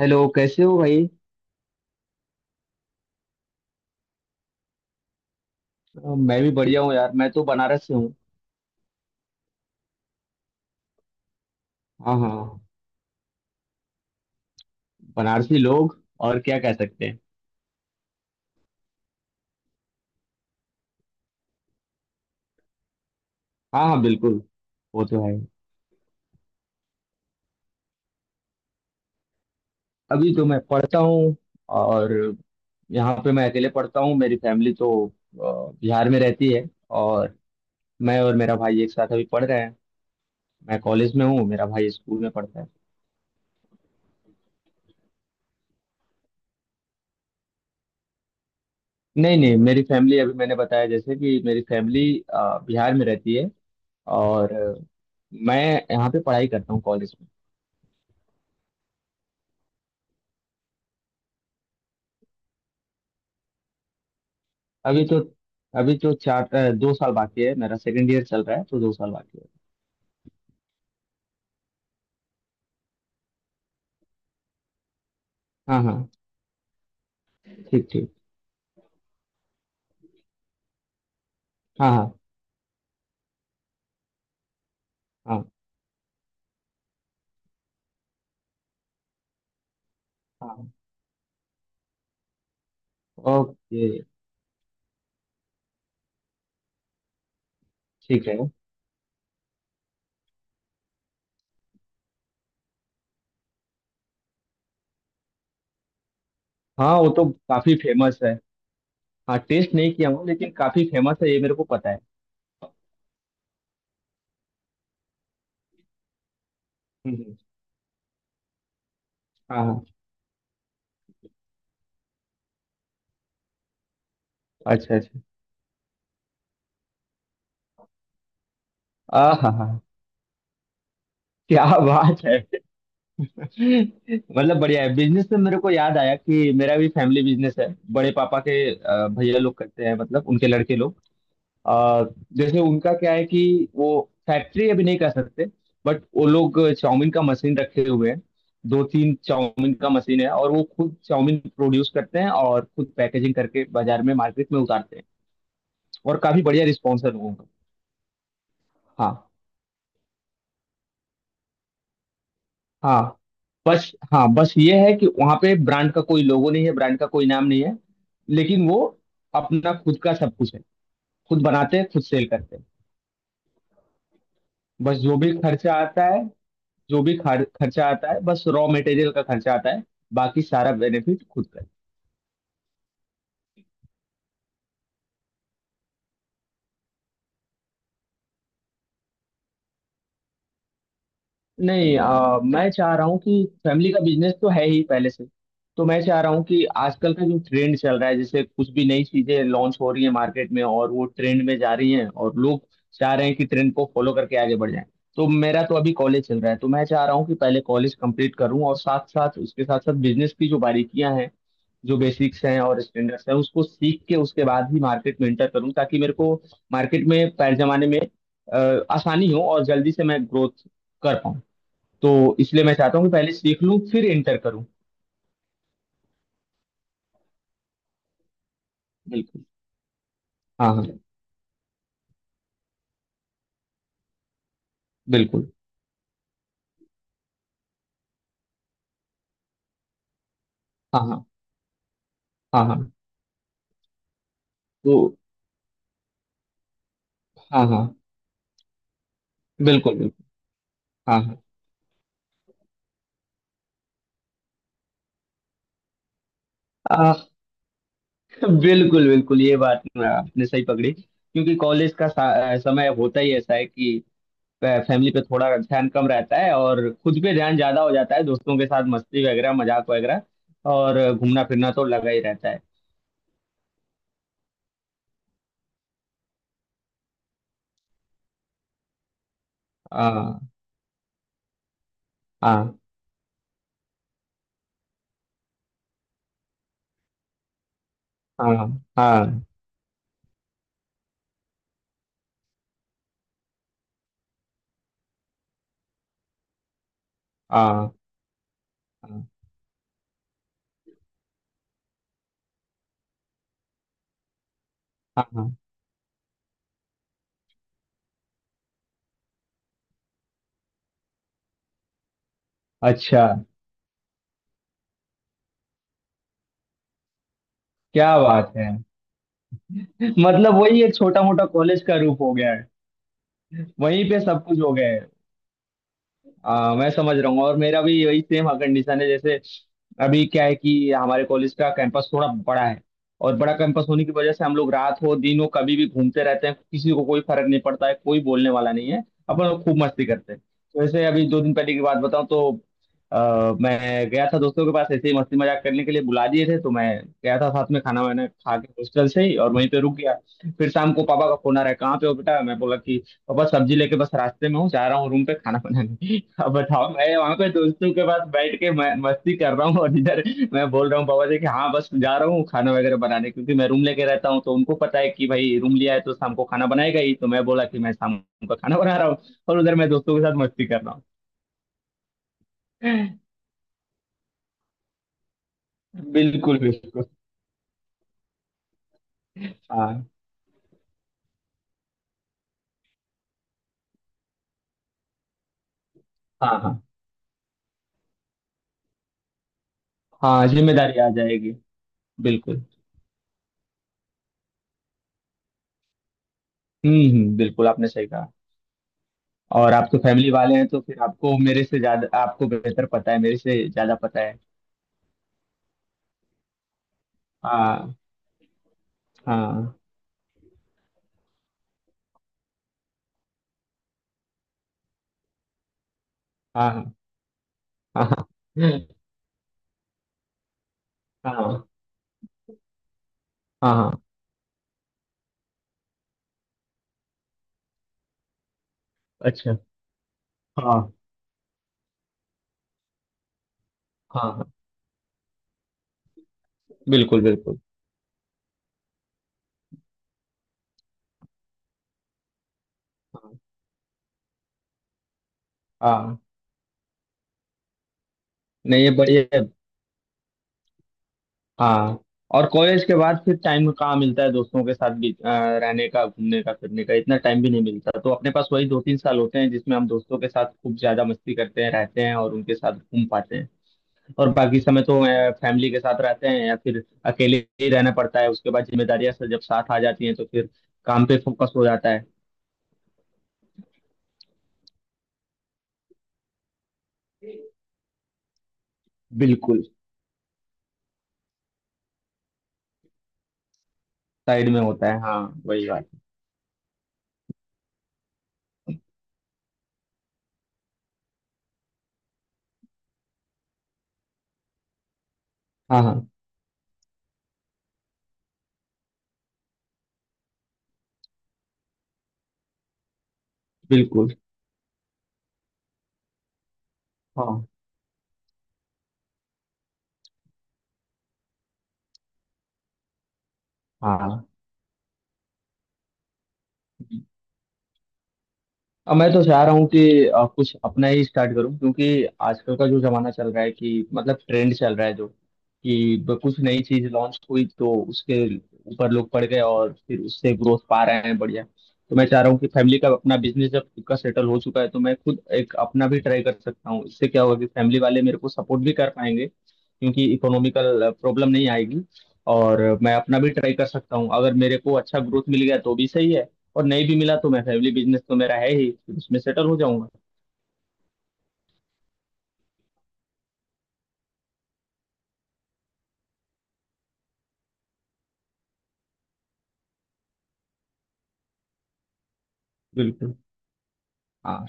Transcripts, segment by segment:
Hello कैसे हो भाई। मैं भी बढ़िया हूँ यार मैं तो बनारस से हूँ। हाँ हाँ। बनारसी लोग और क्या कह सकते हैं। हाँ हाँ बिल्कुल। वो तो है। अभी तो मैं पढ़ता हूँ। और यहाँ पे मैं अकेले पढ़ता हूँ मेरी फैमिली तो बिहार में रहती है। और मैं और मेरा भाई एक साथ अभी पढ़ रहे हैं। मैं कॉलेज में हूँ मेरा भाई स्कूल में पढ़ता है। नहीं नहीं मेरी फैमिली अभी मैंने बताया जैसे कि मेरी फैमिली बिहार में रहती है। और मैं यहाँ पे पढ़ाई करता हूँ कॉलेज में। अभी तो अभी तो 2 साल बाकी है मेरा सेकंड ईयर चल रहा है तो 2 साल बाकी है। हाँ हाँ। ठीक ठीक। हाँ हाँ। हाँ हाँ। ओके। ठीक है। हाँ वो तो काफी फेमस है। हाँ टेस्ट नहीं किया हूँ लेकिन काफी फेमस है ये मेरे को पता है। हम्म। हाँ हाँ। अच्छा अच्छा। आ हाँ हाँ। क्या बात है। मतलब बढ़िया है बिजनेस से मेरे को याद आया कि मेरा भी फैमिली बिजनेस है। बड़े पापा के भैया लोग करते हैं मतलब उनके लड़के लोग। आ, जैसे उनका क्या है कि वो फैक्ट्री अभी नहीं कर सकते। बट वो लोग चाउमीन का मशीन रखे हुए हैं। 2-3 चाउमीन का मशीन है और वो खुद चाउमीन प्रोड्यूस करते हैं और खुद पैकेजिंग करके बाजार में मार्केट में उतारते हैं। और काफी बढ़िया रिस्पॉन्स है लोगों का। हाँ हाँ। बस हाँ बस ये है कि वहाँ पे ब्रांड का कोई लोगो नहीं है ब्रांड का कोई नाम नहीं है। लेकिन वो अपना खुद का सब कुछ है। खुद बनाते हैं खुद सेल करते हैं। बस जो भी खर्चा आता है जो भी खर्चा आता है बस रॉ मटेरियल का खर्चा आता है। बाकी सारा बेनिफिट खुद का। नहीं मैं चाह रहा हूँ कि फैमिली का बिजनेस तो है ही पहले से। तो मैं चाह रहा हूँ कि आजकल का जो ट्रेंड चल रहा है जैसे कुछ भी नई चीजें लॉन्च हो रही है मार्केट में और वो ट्रेंड में जा रही हैं और लोग चाह रहे हैं कि ट्रेंड को फॉलो करके आगे बढ़ जाएं। तो मेरा तो अभी कॉलेज चल रहा है तो मैं चाह रहा हूँ कि पहले कॉलेज कंप्लीट करूँ और साथ साथ उसके साथ साथ बिजनेस की जो बारीकियां हैं जो बेसिक्स हैं और स्टैंडर्ड्स हैं उसको सीख के उसके बाद ही मार्केट में एंटर करूँ ताकि मेरे को मार्केट में पैर जमाने में आसानी हो और जल्दी से मैं ग्रोथ कर पाऊँ। तो इसलिए मैं चाहता हूँ कि पहले सीख लूँ फिर इंटर करूँ। बिल्कुल। हाँ हाँ। बिल्कुल। हाँ हाँ। हाँ हाँ। तो हाँ हाँ। बिल्कुल बिल्कुल। हाँ हाँ। आ, बिल्कुल बिल्कुल ये बात आपने सही पकड़ी क्योंकि कॉलेज का समय होता ही ऐसा है कि फैमिली पे थोड़ा ध्यान कम रहता है और खुद पे ध्यान ज्यादा हो जाता है दोस्तों के साथ मस्ती वगैरह मजाक वगैरह और घूमना फिरना तो लगा ही रहता है। हाँ हाँ। हाँ हाँ। हाँ हाँ। हाँ अच्छा। क्या बात है। मतलब वही एक छोटा मोटा कॉलेज का रूप हो गया है। वहीं पे सब कुछ हो गया है। मैं समझ रहा हूँ और मेरा भी यही सेम कंडीशन है जैसे अभी क्या है कि हमारे कॉलेज का कैंपस थोड़ा बड़ा है। और बड़ा कैंपस होने की वजह से हम लोग रात हो दिन हो कभी भी घूमते रहते हैं किसी को कोई फर्क नहीं पड़ता है कोई बोलने वाला नहीं है। अपन लोग खूब मस्ती करते हैं। तो ऐसे अभी 2 दिन पहले की बात बताऊं तो मैं गया था दोस्तों के पास ऐसे ही मस्ती मजाक करने के लिए बुला दिए थे तो मैं गया था साथ में खाना वाना खा के हॉस्टल से ही और वहीं पे रुक गया। फिर शाम को पापा का फोन आ रहा है कहाँ पे हो बेटा मैं बोला कि और बस सब्जी लेके बस रास्ते में हूँ जा रहा हूँ रूम पे खाना बनाने। अब बताओ मैं वहां पे दोस्तों के पास बैठ के मैं मस्ती कर रहा हूँ और इधर मैं बोल रहा हूँ बाबा जी कि हाँ बस जा रहा हूँ खाना वगैरह बनाने क्योंकि मैं रूम लेके रहता हूँ तो उनको पता है कि भाई रूम लिया है तो शाम को खाना बनाएगा ही तो मैं बोला कि मैं शाम को खाना बना रहा हूँ। और उधर मैं दोस्तों के साथ मस्ती कर रहा हूँ। बिल्कुल बिल्कुल। हाँ हाँ। हाँ हाँ। जिम्मेदारी आ जाएगी। बिल्कुल। बिल्कुल आपने सही कहा। और आप तो फैमिली वाले हैं तो फिर आपको मेरे से ज्यादा आपको बेहतर पता है मेरे से ज्यादा पता है। हाँ हाँ। हाँ हाँ। हाँ हाँ। हाँ हाँ। अच्छा। हाँ हाँ हाँ। बिल्कुल बिल्कुल। हाँ हाँ। नहीं ये बढ़िया है। हाँ और कॉलेज के बाद फिर टाइम कहाँ मिलता है दोस्तों के साथ भी रहने का घूमने का फिरने का इतना टाइम भी नहीं मिलता तो अपने पास वही 2-3 साल होते हैं जिसमें हम दोस्तों के साथ खूब ज्यादा मस्ती करते हैं रहते हैं और उनके साथ घूम पाते हैं। और बाकी समय तो फैमिली के साथ रहते हैं या फिर अकेले ही रहना पड़ता है उसके बाद जिम्मेदारियां सब जब साथ आ जाती हैं तो फिर काम पे फोकस हो जाता है। बिल्कुल। साइड में होता है हाँ। वही बात। हाँ हाँ। बिल्कुल। हाँ हाँ। अब मैं तो चाह रहा हूँ कि कुछ अपना ही स्टार्ट करूँ क्योंकि आजकल का जो जमाना चल रहा है कि मतलब ट्रेंड चल रहा है जो कि कुछ नई चीज लॉन्च हुई तो उसके ऊपर लोग पड़ गए और फिर उससे ग्रोथ पा रहे हैं बढ़िया। तो मैं चाह रहा हूँ कि फैमिली का अपना बिजनेस जब खुद का सेटल हो चुका है तो मैं खुद एक अपना भी ट्राई कर सकता हूँ इससे क्या होगा कि फैमिली वाले मेरे को सपोर्ट भी कर पाएंगे क्योंकि इकोनॉमिकल प्रॉब्लम नहीं आएगी। और मैं अपना भी ट्राई कर सकता हूँ अगर मेरे को अच्छा ग्रोथ मिल गया तो भी सही है। और नहीं भी मिला तो मैं फैमिली बिजनेस तो मेरा है ही फिर उसमें सेटल हो जाऊंगा। बिल्कुल। हाँ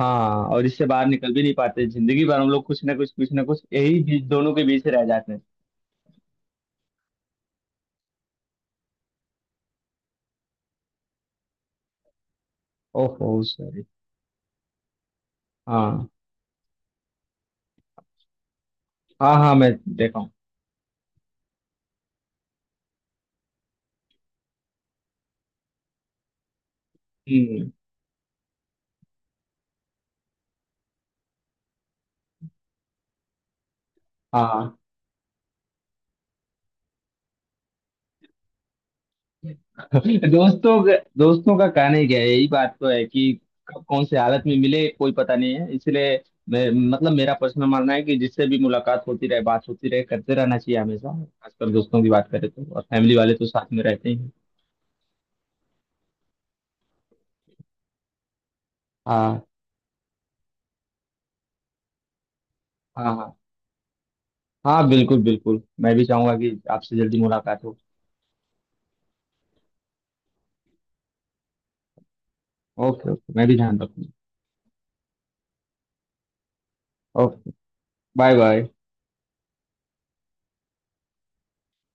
हाँ। और इससे बाहर निकल भी नहीं पाते जिंदगी भर हम लोग कुछ ना कुछ यही बीच दोनों के बीच ही रह जाते हैं। ओहो सॉरी। हाँ हाँ। हाँ मैं देखा हूँ। हम्म। हाँ। दोस्तों का कहना ही क्या है यही बात तो है कि कब कौन से हालत में मिले कोई पता नहीं है इसलिए मैं मतलब मेरा पर्सनल मानना है कि जिससे भी मुलाकात होती रहे बात होती रहे करते रहना चाहिए हमेशा खासकर दोस्तों की बात करें तो और फैमिली वाले तो साथ में रहते ही हैं। हाँ हाँ। हाँ हाँ बिल्कुल बिल्कुल मैं भी चाहूंगा कि आपसे जल्दी मुलाकात हो। ओके ओके मैं भी ध्यान रखूंगा। Okay bye bye.